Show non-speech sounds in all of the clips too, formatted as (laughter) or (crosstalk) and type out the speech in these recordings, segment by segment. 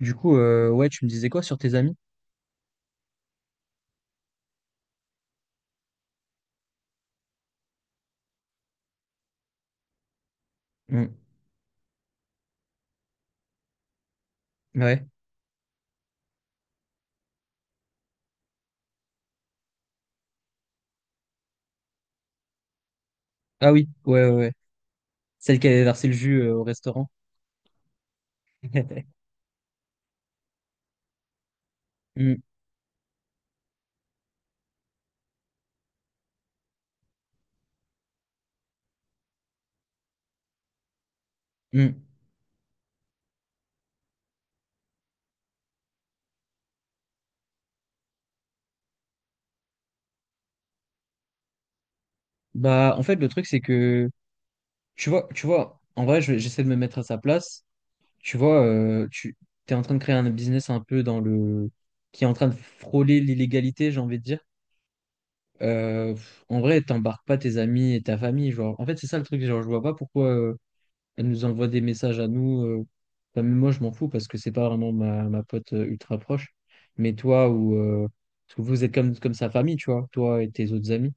Ouais, tu me disais quoi sur tes amis? Mm. Ouais. Ah oui, ouais, ouais, ouais. Celle qui avait versé le jus au restaurant. (laughs) Mm, mm. Bah, en fait, le truc, c'est que, tu vois, en vrai, j'essaie de me mettre à sa place. Tu vois, tu es en train de créer un business un peu dans le... qui est en train de frôler l'illégalité, j'ai envie de dire. En vrai, t'embarques pas tes amis et ta famille, genre. En fait, c'est ça le truc, genre, je vois pas pourquoi... Elle nous envoie des messages à nous. Enfin, même moi, je m'en fous parce que c'est pas vraiment ma pote ultra proche. Mais toi, ou parce que vous êtes comme sa famille, tu vois, toi et tes autres amis.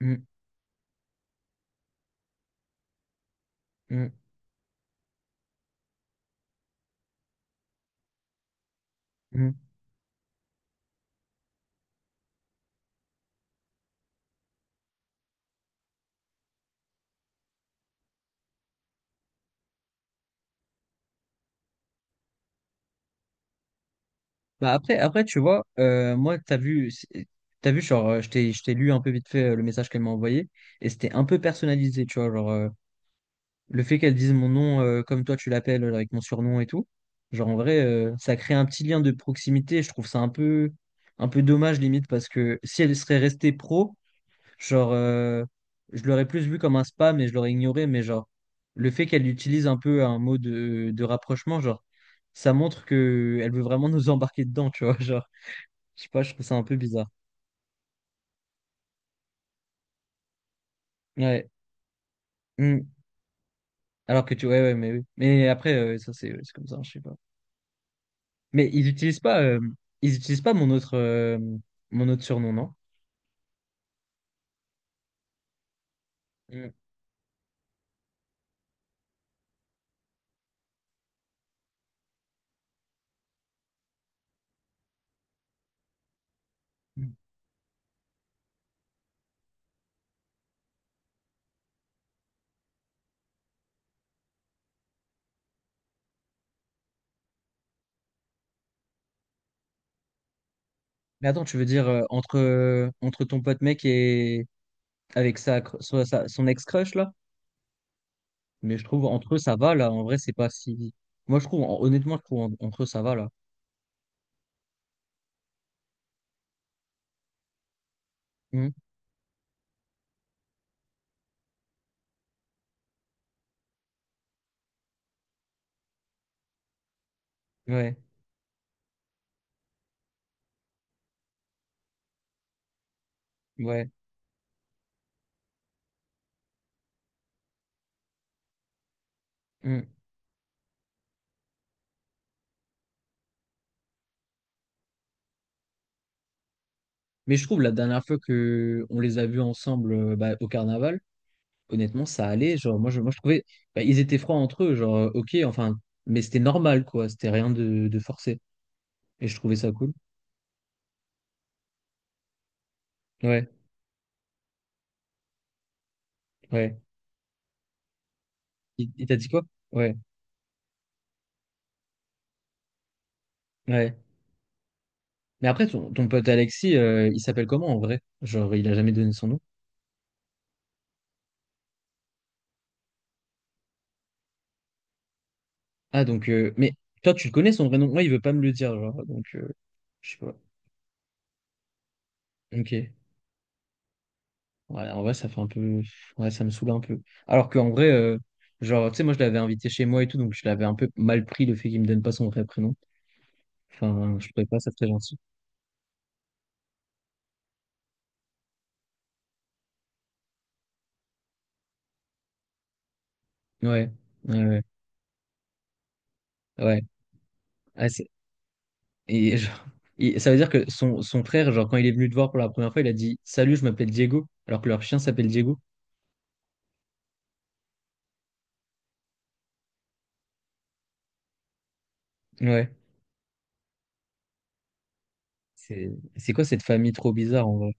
Mm, mm, mm. Bah après, tu vois, moi, t'as vu, t'as vu, genre, je t'ai lu un peu vite fait le message qu'elle m'a envoyé, et c'était un peu personnalisé, tu vois, genre, le fait qu'elle dise mon nom comme toi tu l'appelles avec mon surnom et tout, genre en vrai, ça crée un petit lien de proximité. Je trouve ça un peu dommage limite parce que si elle serait restée pro, genre, je l'aurais plus vu comme un spam et je l'aurais ignoré, mais genre le fait qu'elle utilise un peu un mot de rapprochement, genre ça montre que elle veut vraiment nous (laughs) embarquer dedans, tu vois. (laughs) Genre, je sais pas, je trouve ça un peu bizarre. Ouais. Mm. Alors que tu, ouais, ouais, mais oui. Mais après, ça c'est ouais, c'est comme ça, je sais pas. Mais ils utilisent pas, ils utilisent pas mon autre, mon autre surnom, non? Mm. Mais attends, tu veux dire entre, entre ton pote mec et avec sa, cr- so- sa- son ex-crush là? Mais je trouve entre eux ça va là. En vrai, c'est pas si. Moi, je trouve, honnêtement, je trouve entre eux ça va là. Mm. Ouais, ouais. Mm. Mais je trouve la dernière fois que on les a vus ensemble bah, au carnaval, honnêtement, ça allait. Genre, moi, je trouvais, bah, ils étaient froids entre eux. Genre, ok, enfin, mais c'était normal quoi. C'était rien de forcé. Et je trouvais ça cool. Ouais, ouais. Il t'a dit quoi? Ouais, ouais. Mais après, ton pote Alexis, il s'appelle comment en vrai? Genre, il a jamais donné son nom. Ah, donc, mais toi, tu le connais son vrai nom? Moi, il veut pas me le dire, genre, donc, je sais pas. Ok. Ouais, en vrai, ça fait un peu. Ouais, ça me saoule un peu. Alors qu'en vrai, genre, tu sais, moi, je l'avais invité chez moi et tout, donc je l'avais un peu mal pris le fait qu'il me donne pas son vrai prénom. Enfin, je trouvais pas ça très gentil. Ouais, ouais, ouais. Ouais, Ouais, Et genre, et ça veut dire que son frère, genre, quand il est venu te voir pour la première fois, il a dit «Salut, je m'appelle Diego», alors que leur chien s'appelle Diego. Ouais. C'est, c'est quoi cette famille trop bizarre, en vrai?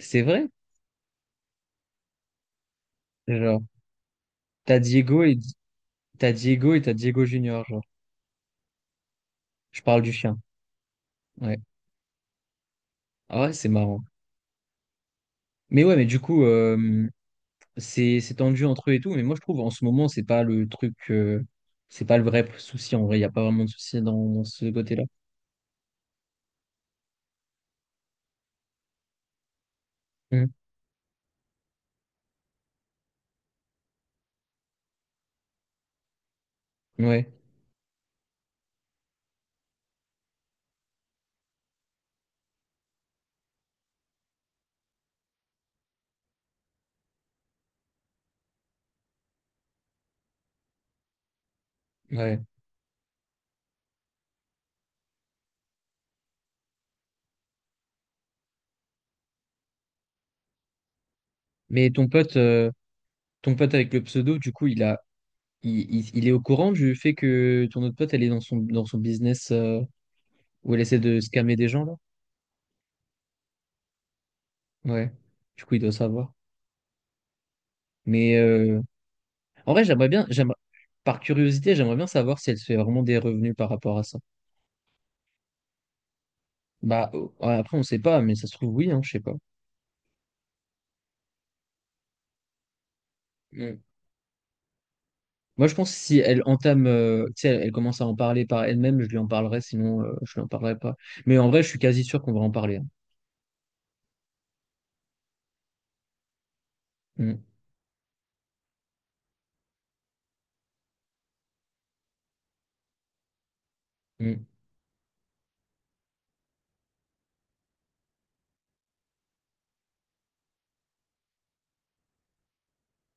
C'est vrai? Genre, t'as Diego et t'as Diego Junior, genre. Je parle du chien. Ouais. Ah ouais, c'est marrant. Mais ouais, mais du coup, c'est tendu entre eux et tout, mais moi, je trouve, en ce moment, c'est pas le truc, c'est pas le vrai souci, en vrai. Il n'y a pas vraiment de souci dans ce côté-là. Mhm. Ouais, ouais. Mais Ton pote avec le pseudo, du coup, il a, il, il est au courant du fait que ton autre pote, elle est dans dans son business où elle essaie de scammer des gens, là? Ouais. Du coup, il doit savoir. Mais en vrai, par curiosité, j'aimerais bien savoir si elle se fait vraiment des revenus par rapport à ça. Bah, ouais, après, on sait pas, mais ça se trouve, oui, hein, je sais pas. Mm. Moi, je pense que si elle entame, tu sais, elle commence à en parler par elle-même, je lui en parlerai, sinon, je lui en parlerai pas. Mais en vrai, je suis quasi sûr qu'on va en parler. Hein. Mm, mm,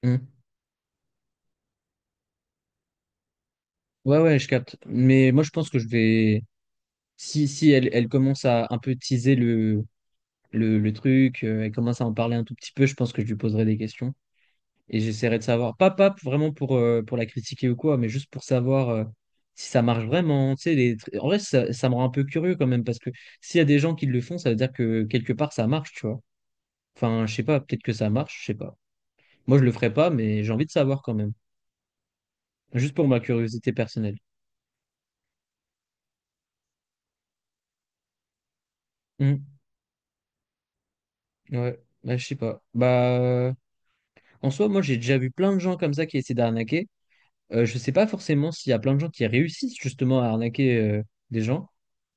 mm. Ouais, ouais, je capte. Mais moi, je pense que je vais. Si elle commence à un peu teaser le truc, elle commence à en parler un tout petit peu, je pense que je lui poserai des questions. Et j'essaierai de savoir. Pas vraiment pour la critiquer ou quoi, mais juste pour savoir si ça marche vraiment. Tu sais, En vrai, ça me rend un peu curieux quand même, parce que s'il y a des gens qui le font, ça veut dire que quelque part, ça marche, tu vois. Enfin, je sais pas, peut-être que ça marche, je sais pas. Moi, je le ferai pas, mais j'ai envie de savoir quand même. Juste pour ma curiosité personnelle. Hmm, ouais, bah, je sais pas. Bah. En soi, moi, j'ai déjà vu plein de gens comme ça qui essaient d'arnaquer. Je sais pas forcément s'il y a plein de gens qui réussissent justement à arnaquer des gens.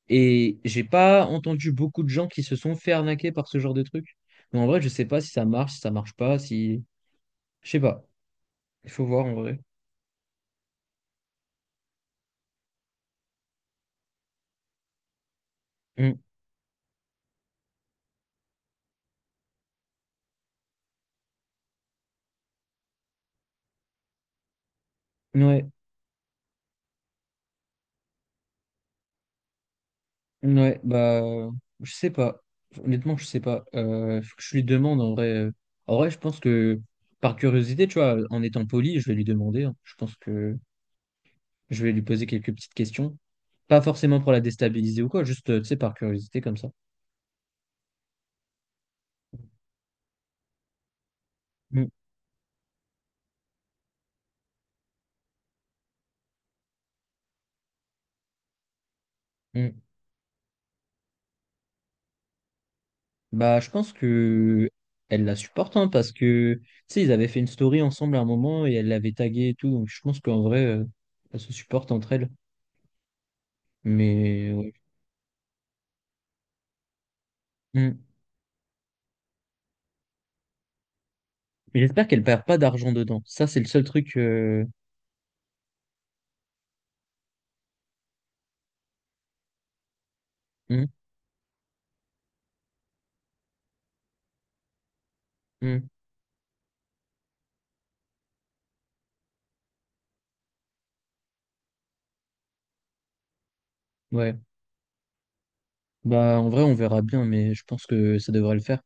Et j'ai pas entendu beaucoup de gens qui se sont fait arnaquer par ce genre de truc. Mais en vrai, je sais pas si ça marche, si ça marche pas, si. Je sais pas. Il faut voir en vrai. Mm. Ouais, ouais, bah. Je sais pas. Honnêtement, je sais pas. Faut que je lui demande en vrai. En vrai, je pense que par curiosité, tu vois, en étant poli, je vais lui demander. Hein. Je pense que. Je vais lui poser quelques petites questions. Pas forcément pour la déstabiliser ou quoi, juste, tu sais, par curiosité comme ça. Mm, mm. Bah, je pense que elle la supporte, hein, parce que, tu sais, ils avaient fait une story ensemble à un moment et elle l'avait tagué et tout. Donc, je pense qu'en vrai, elles se supportent entre elles. Mais, ouais. Mm. Mais J'espère qu'elle perd pas d'argent dedans. Ça, c'est le seul truc. Mm, mm. Ouais. Bah, en vrai, on verra bien, mais je pense que ça devrait le faire.